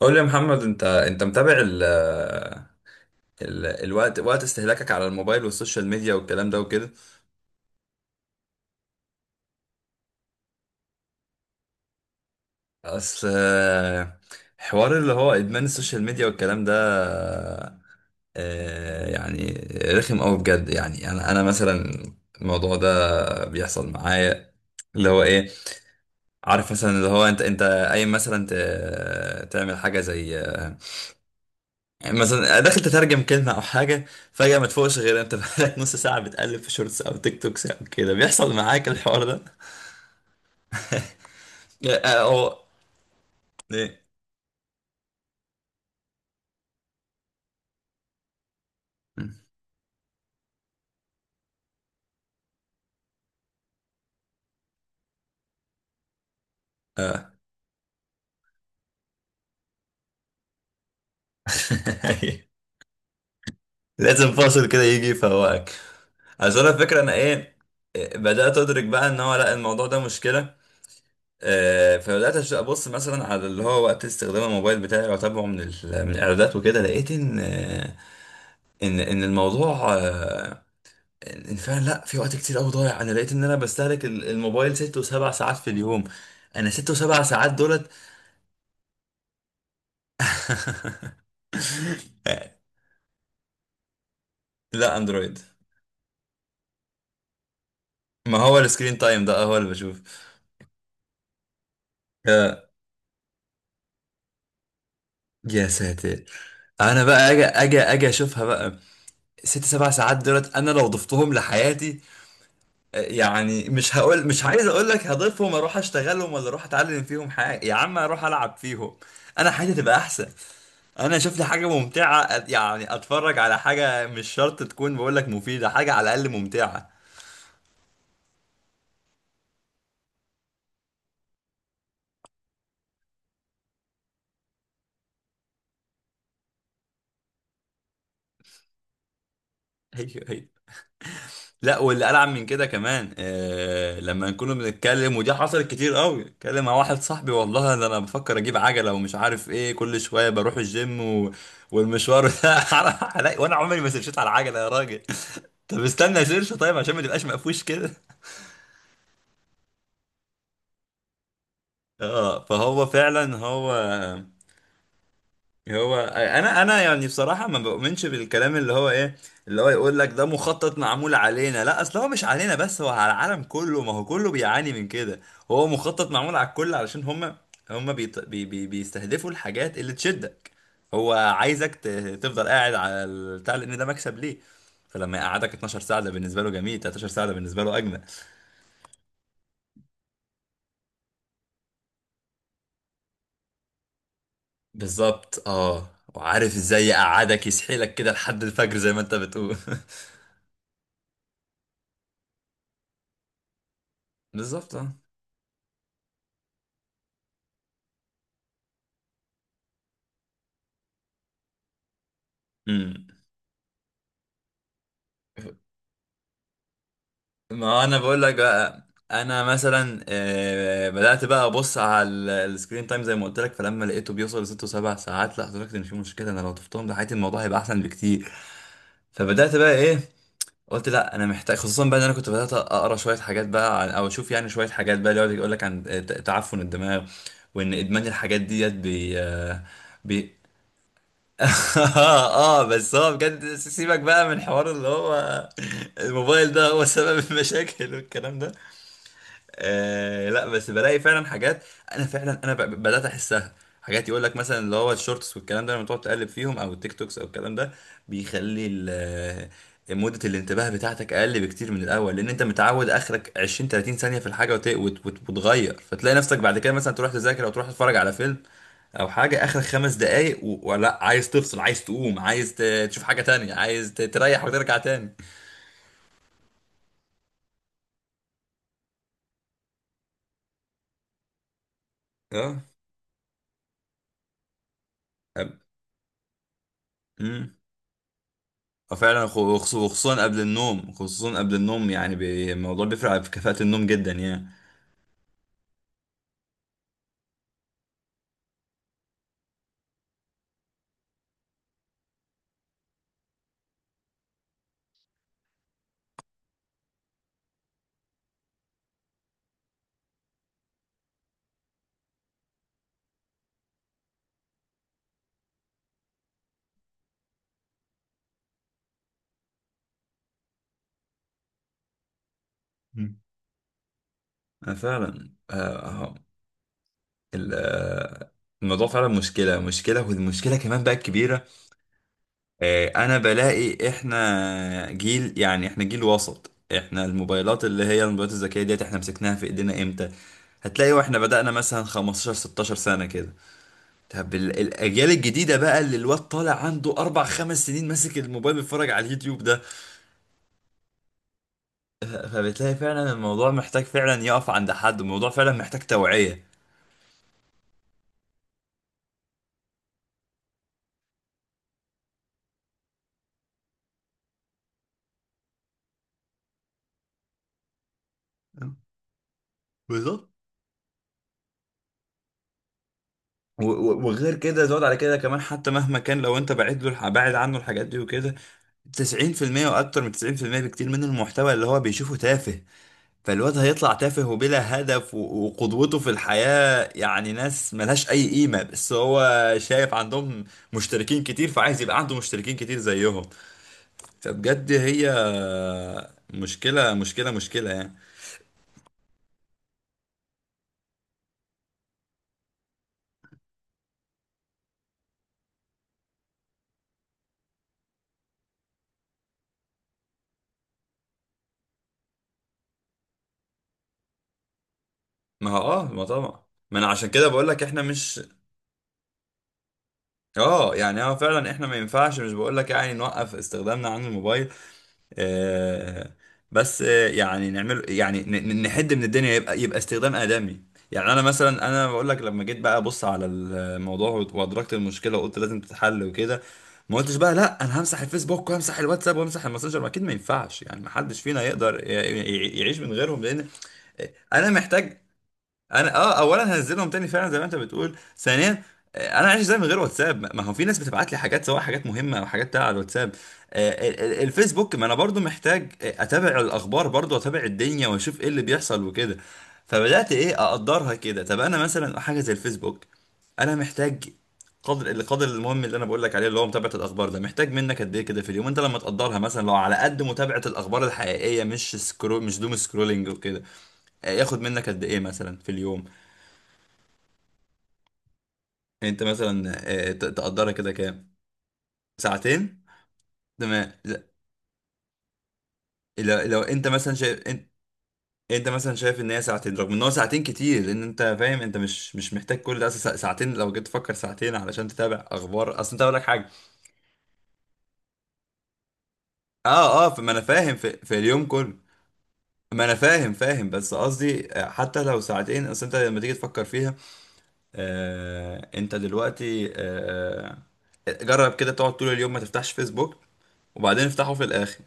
قول لي يا محمد، انت متابع ال ال الوقت وقت استهلاكك على الموبايل والسوشيال ميديا والكلام ده وكده. اصل حوار اللي هو ادمان السوشيال ميديا والكلام ده. يعني رخم قوي بجد. يعني انا مثلا الموضوع ده بيحصل معايا، اللي هو ايه؟ عارف مثلا، اللي هو انت قايم مثلا تعمل حاجه زي، يعني مثلا داخل تترجم كلمة أو حاجة، فجأة ما تفوقش غير أنت بقالك نص ساعة بتقلب في شورتس أو تيك توكس أو كده. بيحصل معاك الحوار ده؟ أو إيه؟ آه. لازم فاصل كده يجي يفوقك. عشان أنا الفكرة، أنا إيه، بدأت أدرك بقى إن هو، لا، الموضوع ده مشكلة. فبدأت أبص مثلا على اللي هو وقت استخدام الموبايل بتاعي، وأتابعه من الإعدادات وكده. لقيت إن إن الموضوع الانفعال، لا، في وقت كتير قوي ضايع. انا لقيت ان انا بستهلك الموبايل ست وسبع ساعات في اليوم. انا ست وسبع ساعات دولت. لا، اندرويد. ما هو السكرين تايم ده هو اللي بشوف. يا يا ساتر! انا بقى اجي اشوفها بقى. ست سبع ساعات دولت، انا لو ضفتهم لحياتي، يعني مش هقول مش عايز اقول لك هضيفهم اروح اشتغلهم ولا اروح اتعلم فيهم حاجه، يا عم اروح العب فيهم، انا حياتي تبقى احسن. انا شفت حاجه ممتعه، يعني اتفرج على حاجه مش شرط تكون بقول لك مفيده، حاجه على الاقل ممتعه. هي هي. لا، واللي العب من كده كمان، لما نكون بنتكلم، ودي حصلت كتير قوي، اتكلم مع واحد صاحبي والله ده انا بفكر اجيب عجله ومش عارف ايه، كل شويه بروح الجيم و... والمشوار ده وانا عمري ما سيرشيت على العجله يا راجل. طب استنى سيرش، طيب عشان ما تبقاش مقفوش كده. اه، فهو فعلا هو. هو انا يعني بصراحه ما بؤمنش بالكلام اللي هو ايه، اللي هو يقول لك ده مخطط معمول علينا، لا، اصل هو مش علينا بس، هو على العالم كله، ما هو كله بيعاني من كده. هو مخطط معمول على الكل علشان هم بيستهدفوا الحاجات اللي تشدك. هو عايزك تفضل قاعد على البتاع، لان ده مكسب ليه. فلما يقعدك 12 ساعه ده بالنسبه له جميل، 13 ساعه ده بالنسبه له اجمل. بالظبط اه. وعارف ازاي يقعدك يسحلك كده لحد الفجر زي ما انت بتقول. بالظبط اه. أمم. ما انا بقول لك بقى. انا مثلا بدات بقى ابص على السكرين تايم زي ما قلت لك، فلما لقيته بيوصل لست وسبع ساعات، لا، ادركت ان في مشكله. انا لو طفتهم لحياتي الموضوع هيبقى احسن بكتير. فبدات بقى ايه؟ قلت لا، انا محتاج، خصوصا بقى ان انا كنت بدات اقرا شويه حاجات بقى عن، او اشوف يعني شويه حاجات بقى اللي يقعد يقول لك عن تعفن الدماغ، وان ادمان الحاجات ديت بي آه، بي اه، بس هو بجد سيبك بقى من حوار اللي هو الموبايل ده هو سبب المشاكل والكلام ده. لا، بس بلاقي فعلا حاجات، انا فعلا انا بدات احسها. حاجات يقول لك مثلا اللي هو الشورتس والكلام ده، لما تقعد تقلب فيهم او التيك توكس او الكلام ده، بيخلي مدة الانتباه بتاعتك اقل بكتير من الاول، لان انت متعود اخرك 20 30 ثانية في الحاجة وتغير. فتلاقي نفسك بعد كده مثلا تروح تذاكر او تروح تتفرج على فيلم او حاجة، اخرك 5 دقايق ولا، عايز تفصل عايز تقوم عايز تشوف حاجة تانية، عايز تريح وترجع تاني. اه. أب- مم. فعلا، وخصوصا قبل النوم، خصوصا قبل النوم، يعني الموضوع بيفرق في كفاءة النوم جدا يعني. مم. أنا فعلا آه، ال- آه، الموضوع فعلا مشكلة مشكلة، والمشكلة كمان بقى الكبيرة. أنا بلاقي إحنا جيل، يعني إحنا جيل وسط. إحنا الموبايلات اللي هي الموبايلات الذكية ديت، إحنا مسكناها في إيدينا إمتى؟ هتلاقي واحنا بدأنا مثلا 15 16 سنة كده. طب الأجيال الجديدة بقى، اللي الواد طالع عنده أربع خمس سنين ماسك الموبايل بيتفرج على اليوتيوب. فبتلاقي فعلا الموضوع محتاج فعلا يقف عند حد، الموضوع فعلا محتاج توعية. بالظبط. وغير كده زود على كده كمان، حتى مهما كان لو انت بعد عنه الحاجات دي وكده، 90% واكتر من 90% بكتير من المحتوى اللي هو بيشوفه تافه. فالواد هيطلع تافه وبلا هدف، وقدوته في الحياة يعني ناس ملهاش اي قيمة، بس هو شايف عندهم مشتركين كتير، فعايز يبقى عنده مشتركين كتير زيهم. فبجد هي مشكلة مشكلة مشكلة يعني. ما هو اه، ما طبعا، ما انا عشان كده بقول لك احنا مش، اه يعني اه فعلا احنا ما ينفعش، مش بقول لك يعني نوقف استخدامنا عن الموبايل، آه بس يعني نعمل يعني نحد من الدنيا، يبقى يبقى استخدام آدمي. يعني انا مثلا انا بقول لك، لما جيت بقى ابص على الموضوع وادركت المشكله وقلت لازم تتحل وكده، ما قلتش بقى لا انا همسح الفيسبوك وهمسح الواتساب وهمسح الماسنجر، ما اكيد ما ينفعش يعني، ما حدش فينا يقدر يعيش من غيرهم لان انا محتاج. انا اه اولا هنزلهم تاني فعلا زي ما انت بتقول، ثانيا، انا عايش ازاي من غير واتساب؟ ما ما هو في ناس بتبعت لي حاجات، سواء حاجات مهمه او حاجات بتاع على الواتساب. الفيسبوك، ما انا برضو محتاج اتابع الاخبار، برضو اتابع الدنيا واشوف ايه اللي بيحصل وكده. فبدات ايه؟ اقدرها كده. طب انا مثلا حاجه زي الفيسبوك، انا محتاج قدر القدر المهم اللي انا بقول لك عليه اللي هو متابعه الاخبار. ده محتاج منك قد ايه كده في اليوم؟ انت لما تقدرها، مثلا لو على قد متابعه الاخبار الحقيقيه، مش مش دوم سكرولينج وكده، ياخد منك قد ايه مثلا في اليوم؟ انت مثلا تقدرها كده كام؟ ساعتين. تمام. لا، لو انت مثلا شايف، انت، انت مثلا شايف ان هي ساعتين، رغم ان هو ساعتين كتير، لان انت فاهم انت مش محتاج كل ده. اصل ساعتين، لو جيت تفكر ساعتين علشان تتابع اخبار، اصل انت اقول لك حاجه. اه، اه، فما انا فاهم في اليوم كله، ما انا فاهم فاهم، بس قصدي حتى لو ساعتين، اصل انت لما تيجي تفكر فيها، انت دلوقتي جرب كده تقعد طول اليوم ما تفتحش فيسبوك، وبعدين افتحه في الاخر،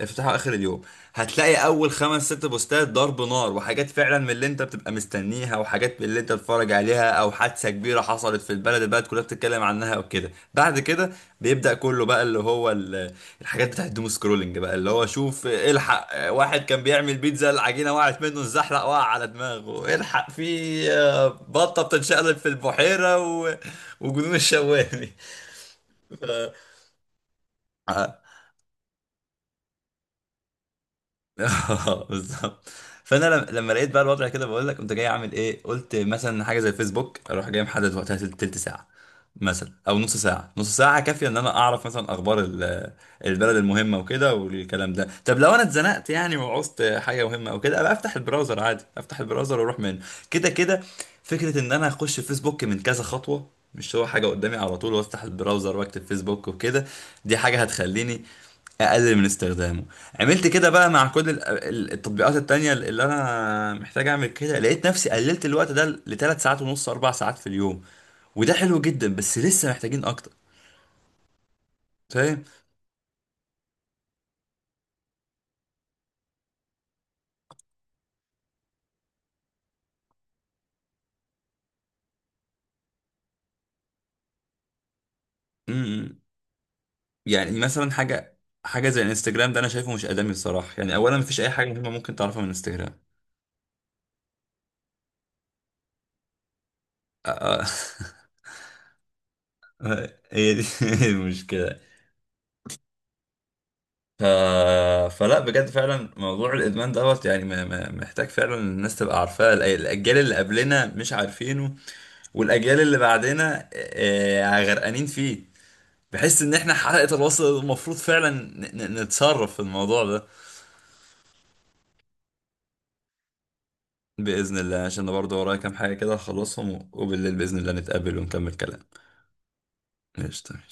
افتحه اخر اليوم. هتلاقي اول خمس ست بوستات ضرب نار، وحاجات فعلا من اللي انت بتبقى مستنيها، وحاجات من اللي انت بتتفرج عليها، او حادثه كبيره حصلت في البلد، البلد كلها بتتكلم عنها وكده. بعد كده بيبدا كله بقى اللي هو الحاجات بتاعت الدوم سكرولنج، بقى اللي هو شوف الحق واحد كان بيعمل بيتزا العجينه وقعت منه، الزحلق وقع على دماغه، الحق في بطه بتتشقلب في البحيره و... وجنون الشوالي. اه بالظبط. فانا لما لقيت بقى الوضع كده، بقول لك قمت جاي اعمل ايه، قلت مثلا حاجه زي الفيسبوك اروح جاي محدد وقتها تلت ساعه مثلا، او نص ساعه. نص ساعه كافيه ان انا اعرف مثلا اخبار البلد المهمه وكده والكلام ده. طب لو انا اتزنقت يعني وعوزت حاجه مهمه او كده، ابقى افتح البراوزر عادي، افتح البراوزر واروح منه كده كده. فكره ان انا اخش الفيسبوك من كذا خطوه، مش هو حاجه قدامي على طول، وافتح البراوزر واكتب فيسبوك وكده، دي حاجه هتخليني اقلل من استخدامه. عملت كده بقى مع كل التطبيقات التانية اللي انا محتاج اعمل كده، لقيت نفسي قللت الوقت ده لثلاث ساعات ونص، اربع ساعات في اليوم. وده حلو جدا، بس لسه محتاجين اكتر. فاهم؟ امم. يعني مثلا حاجة زي الانستجرام، ده انا شايفه مش ادمي الصراحة، يعني اولا مفيش اي حاجة مهمة ممكن تعرفها من الانستجرام. آه، آه. هي دي المشكلة. ف... فلا، بجد فعلا موضوع الادمان دوت يعني محتاج فعلا الناس تبقى عارفاه، الاجيال اللي قبلنا مش عارفينه، والاجيال اللي بعدنا غرقانين فيه. بحس ان احنا حلقة الوصل، المفروض فعلا نتصرف في الموضوع ده. باذن الله، عشان انا برضه ورايا كام حاجة كده هخلصهم، وبالليل باذن الله نتقابل ونكمل كلام. ماشي، تمام.